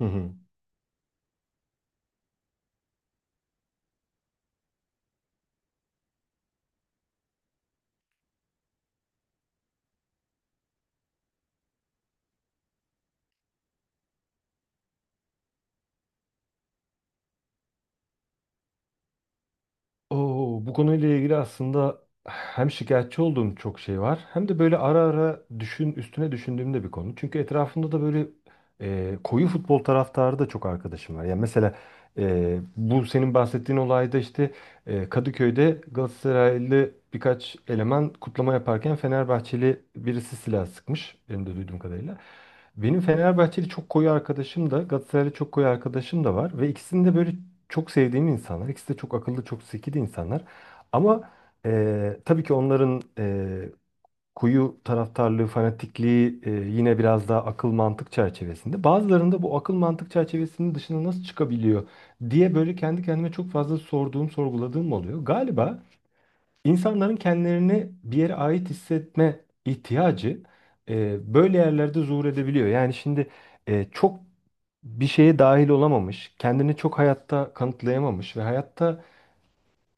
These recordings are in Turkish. Hı hı. Oo, bu konuyla ilgili aslında hem şikayetçi olduğum çok şey var hem de böyle ara ara düşün üstüne düşündüğüm de bir konu. Çünkü etrafımda da böyle koyu futbol taraftarı da çok arkadaşım var. Yani mesela bu senin bahsettiğin olayda işte Kadıköy'de Galatasaraylı birkaç eleman kutlama yaparken Fenerbahçeli birisi silah sıkmış. Benim de duyduğum kadarıyla. Benim Fenerbahçeli çok koyu arkadaşım da Galatasaraylı çok koyu arkadaşım da var ve ikisinin de böyle çok sevdiğim insanlar. İkisi de çok akıllı, çok zeki de insanlar. Ama tabii ki onların kuyu taraftarlığı, fanatikliği yine biraz daha akıl mantık çerçevesinde. Bazılarında bu akıl mantık çerçevesinin dışına nasıl çıkabiliyor diye böyle kendi kendime çok fazla sorduğum, sorguladığım oluyor. Galiba İnsanların kendilerini bir yere ait hissetme ihtiyacı böyle yerlerde zuhur edebiliyor. Yani şimdi çok bir şeye dahil olamamış, kendini çok hayatta kanıtlayamamış ve hayatta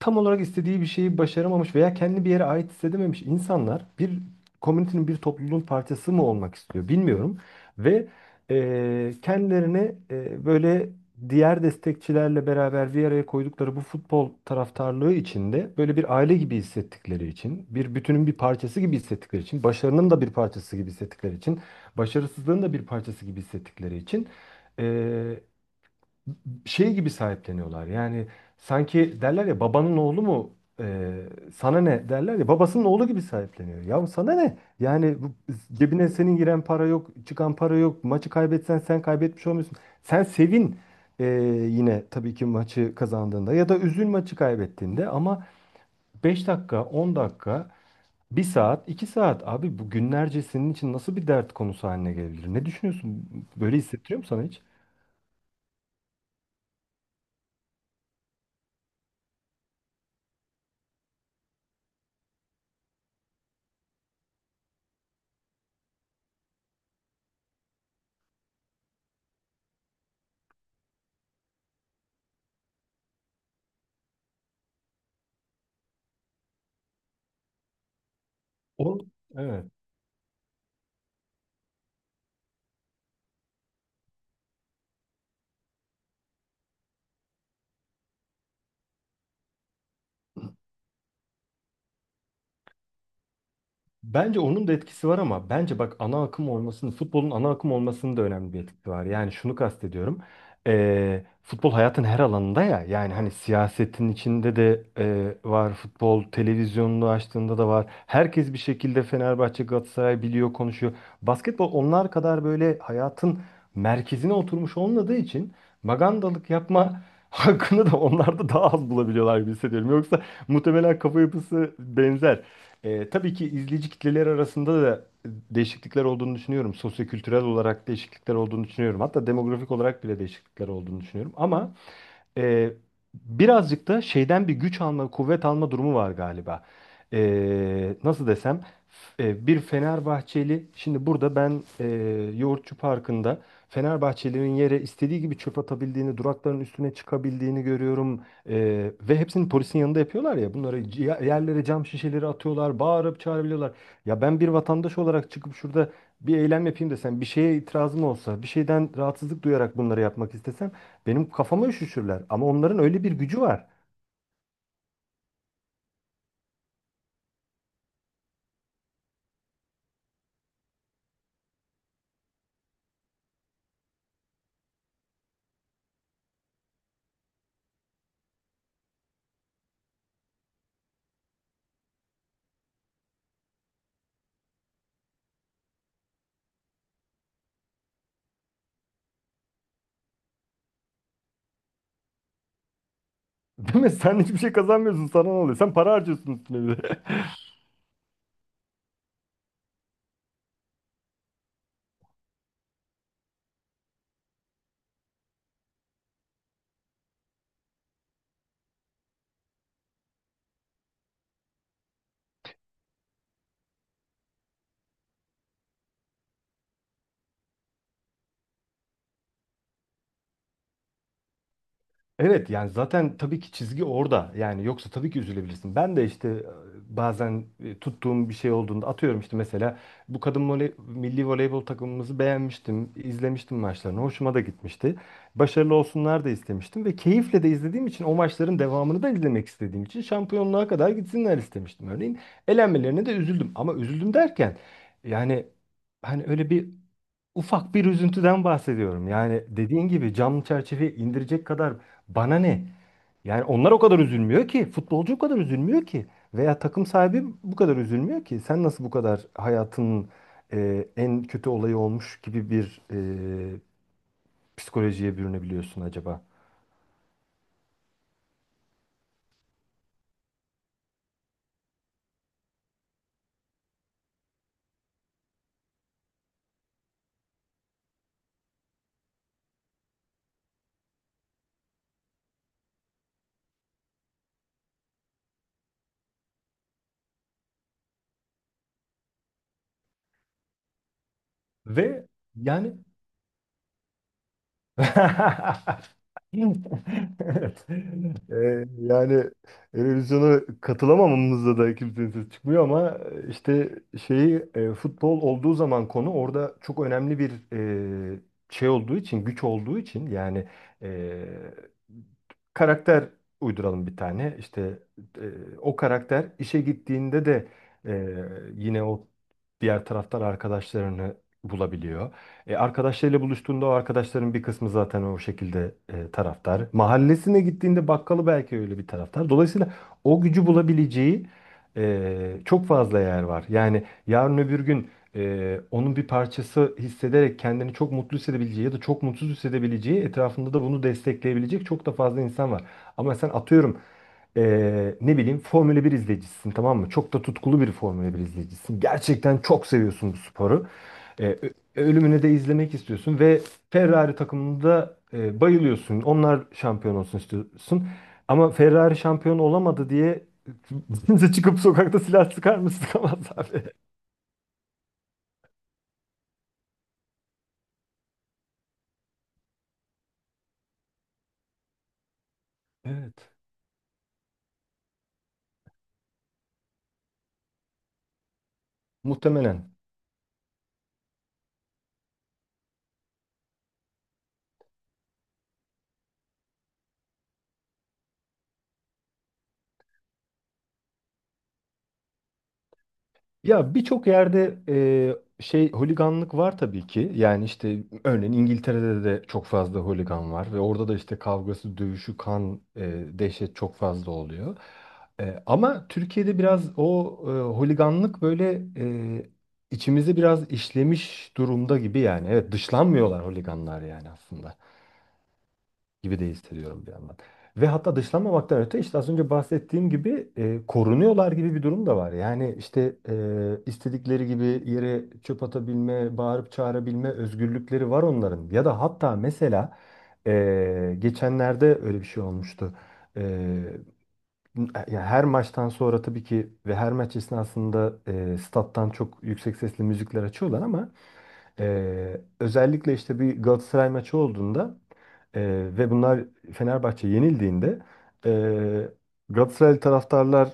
tam olarak istediği bir şeyi başaramamış veya kendi bir yere ait hissedememiş insanlar bir komünitenin, bir topluluğun parçası mı olmak istiyor bilmiyorum. Ve kendilerini böyle diğer destekçilerle beraber bir araya koydukları bu futbol taraftarlığı içinde böyle bir aile gibi hissettikleri için, bir bütünün bir parçası gibi hissettikleri için, başarının da bir parçası gibi hissettikleri için, başarısızlığın da bir parçası gibi hissettikleri için e, şey gibi sahipleniyorlar. Yani sanki derler ya babanın oğlu mu sana ne derler ya babasının oğlu gibi sahipleniyor. Ya sana ne? Yani bu, cebine senin giren para yok, çıkan para yok. Maçı kaybetsen sen kaybetmiş olmuyorsun. Sen sevin e, yine tabii ki maçı kazandığında ya da üzül maçı kaybettiğinde ama 5 dakika, 10 dakika, 1 saat, 2 saat abi bu günlerce senin için nasıl bir dert konusu haline gelebilir? Ne düşünüyorsun? Böyle hissettiriyor mu sana hiç? O, evet. Bence onun da etkisi var ama bence bak ana akım olmasının, futbolun ana akım olmasının da önemli bir etkisi var. Yani şunu kastediyorum. Futbol hayatın her alanında ya. Yani hani siyasetin içinde de var. Futbol televizyonunu açtığında da var. Herkes bir şekilde Fenerbahçe, Galatasaray biliyor, konuşuyor. Basketbol onlar kadar böyle hayatın merkezine oturmuş olmadığı için magandalık yapma hakkını da onlar da daha az bulabiliyorlar gibi hissediyorum. Yoksa muhtemelen kafa yapısı benzer. Tabii ki izleyici kitleler arasında da değişiklikler olduğunu düşünüyorum. Sosyokültürel olarak değişiklikler olduğunu düşünüyorum. Hatta demografik olarak bile değişiklikler olduğunu düşünüyorum. Ama ee, birazcık da şeyden bir güç alma, kuvvet alma durumu var galiba. Nasıl desem, bir Fenerbahçeli, şimdi burada ben Yoğurtçu Parkı'nda Fenerbahçelilerin yere istediği gibi çöp atabildiğini, durakların üstüne çıkabildiğini görüyorum. Ve hepsini polisin yanında yapıyorlar ya, bunları yerlere cam şişeleri atıyorlar, bağırıp çağırabiliyorlar. Ya ben bir vatandaş olarak çıkıp şurada bir eylem yapayım desem, bir şeye itirazım olsa, bir şeyden rahatsızlık duyarak bunları yapmak istesem, benim kafama üşüşürler. Ama onların öyle bir gücü var. Değil mi? Sen hiçbir şey kazanmıyorsun. Sana ne oluyor? Sen para harcıyorsun üstüne bir de. Evet, yani zaten tabii ki çizgi orada. Yani yoksa tabii ki üzülebilirsin. Ben de işte bazen tuttuğum bir şey olduğunda atıyorum işte mesela bu kadın milli voleybol takımımızı beğenmiştim, izlemiştim maçlarını. Hoşuma da gitmişti. Başarılı olsunlar da istemiştim ve keyifle de izlediğim için o maçların devamını da izlemek istediğim için şampiyonluğa kadar gitsinler istemiştim örneğin. Elenmelerine de üzüldüm ama üzüldüm derken yani hani öyle bir ufak bir üzüntüden bahsediyorum. Yani dediğin gibi cam çerçeveyi indirecek kadar bana ne? Yani onlar o kadar üzülmüyor ki. Futbolcu o kadar üzülmüyor ki. Veya takım sahibi bu kadar üzülmüyor ki. Sen nasıl bu kadar hayatının en kötü olayı olmuş gibi bir psikolojiye bürünebiliyorsun acaba? Ve yani Evet. Yani Eurovision'a katılamamamızda da kimsenin sesi çıkmıyor ama işte şeyi futbol olduğu zaman konu orada çok önemli bir e, şey olduğu için güç olduğu için yani e, karakter uyduralım bir tane işte o karakter işe gittiğinde de e, yine o diğer taraftar arkadaşlarını bulabiliyor. Arkadaşlarıyla buluştuğunda o arkadaşların bir kısmı zaten o şekilde taraftar. Mahallesine gittiğinde bakkalı belki öyle bir taraftar. Dolayısıyla o gücü bulabileceği e, çok fazla yer var. Yani yarın öbür gün onun bir parçası hissederek kendini çok mutlu hissedebileceği ya da çok mutsuz hissedebileceği etrafında da bunu destekleyebilecek çok da fazla insan var. Ama sen atıyorum ne bileyim Formula 1 izleyicisisin, tamam mı? Çok da tutkulu bir Formula 1 izleyicisisin. Gerçekten çok seviyorsun bu sporu. E, ölümünü de izlemek istiyorsun ve Ferrari takımında bayılıyorsun. Onlar şampiyon olsun istiyorsun. Ama Ferrari şampiyon olamadı diye kimse çıkıp sokakta silah sıkar mı? Sıkamaz abi. Evet. Muhtemelen. Ya birçok yerde şey holiganlık var tabii ki. Yani işte örneğin İngiltere'de de çok fazla holigan var ve orada da işte kavgası, dövüşü, kan, dehşet çok fazla oluyor. Ama Türkiye'de biraz o holiganlık böyle e, içimize biraz işlemiş durumda gibi yani. Evet, dışlanmıyorlar holiganlar yani aslında gibi de hissediyorum bir yandan. Ve hatta dışlanmamaktan öte işte az önce bahsettiğim gibi korunuyorlar gibi bir durum da var. Yani işte istedikleri gibi yere çöp atabilme, bağırıp çağırabilme özgürlükleri var onların. Ya da hatta mesela geçenlerde öyle bir şey olmuştu. E, ya her maçtan sonra tabii ki ve her maç esnasında stat'tan çok yüksek sesli müzikler açıyorlar ama özellikle işte bir Galatasaray maçı olduğunda e, ve bunlar Fenerbahçe yenildiğinde e, Galatasaray taraftarlar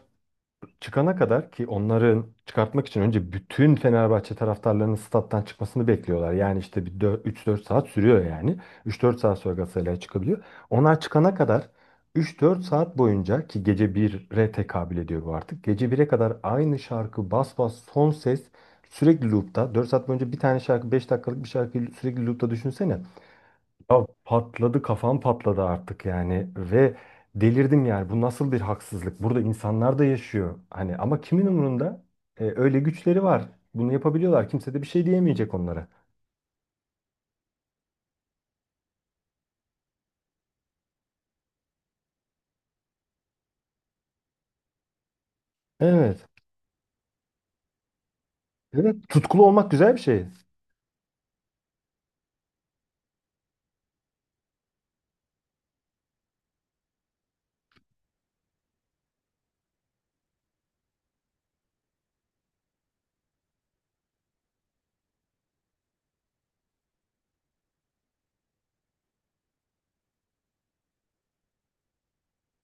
çıkana kadar ki onların çıkartmak için önce bütün Fenerbahçe taraftarlarının stat'tan çıkmasını bekliyorlar. Yani işte bir 3-4 saat sürüyor yani. 3-4 saat sonra Galatasaray'a çıkabiliyor. Onlar çıkana kadar 3-4 saat boyunca ki gece 1'e tekabül ediyor bu artık. Gece 1'e kadar aynı şarkı bas bas son ses sürekli loop'ta. 4 saat boyunca bir tane şarkı 5 dakikalık bir şarkıyı sürekli loop'ta düşünsene. Ya patladı kafam, patladı artık yani ve delirdim yani, bu nasıl bir haksızlık, burada insanlar da yaşıyor hani, ama kimin umurunda? Öyle güçleri var, bunu yapabiliyorlar, kimse de bir şey diyemeyecek onlara. Evet. Evet, tutkulu olmak güzel bir şey.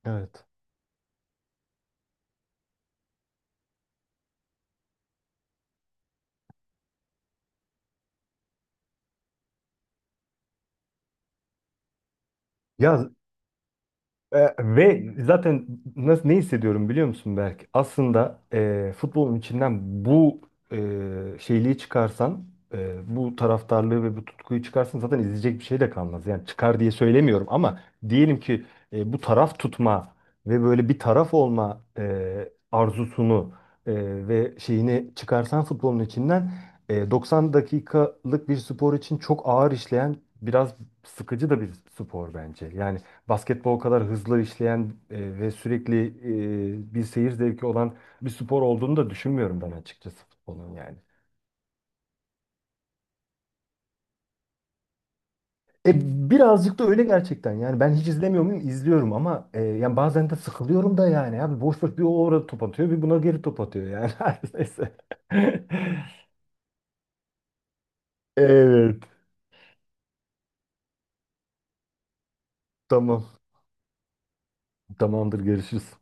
Evet. Ya, ve zaten nasıl, ne hissediyorum biliyor musun Berk? Aslında futbolun içinden bu e, şeyliği çıkarsan, bu taraftarlığı ve bu tutkuyu çıkarsan zaten izleyecek bir şey de kalmaz. Yani çıkar diye söylemiyorum ama diyelim ki bu taraf tutma ve böyle bir taraf olma arzusunu e, ve şeyini çıkarsan futbolun içinden 90 dakikalık bir spor için çok ağır işleyen, biraz sıkıcı da bir spor bence. Yani basketbol kadar hızlı işleyen ve sürekli bir seyir zevki olan bir spor olduğunu da düşünmüyorum ben açıkçası futbolun yani. E, birazcık da öyle gerçekten yani, ben hiç izlemiyor muyum? İzliyorum ama yani bazen de sıkılıyorum da yani, abi boş boş bir o orada top atıyor bir buna geri top atıyor yani. Her neyse. Evet, tamam, tamamdır, görüşürüz.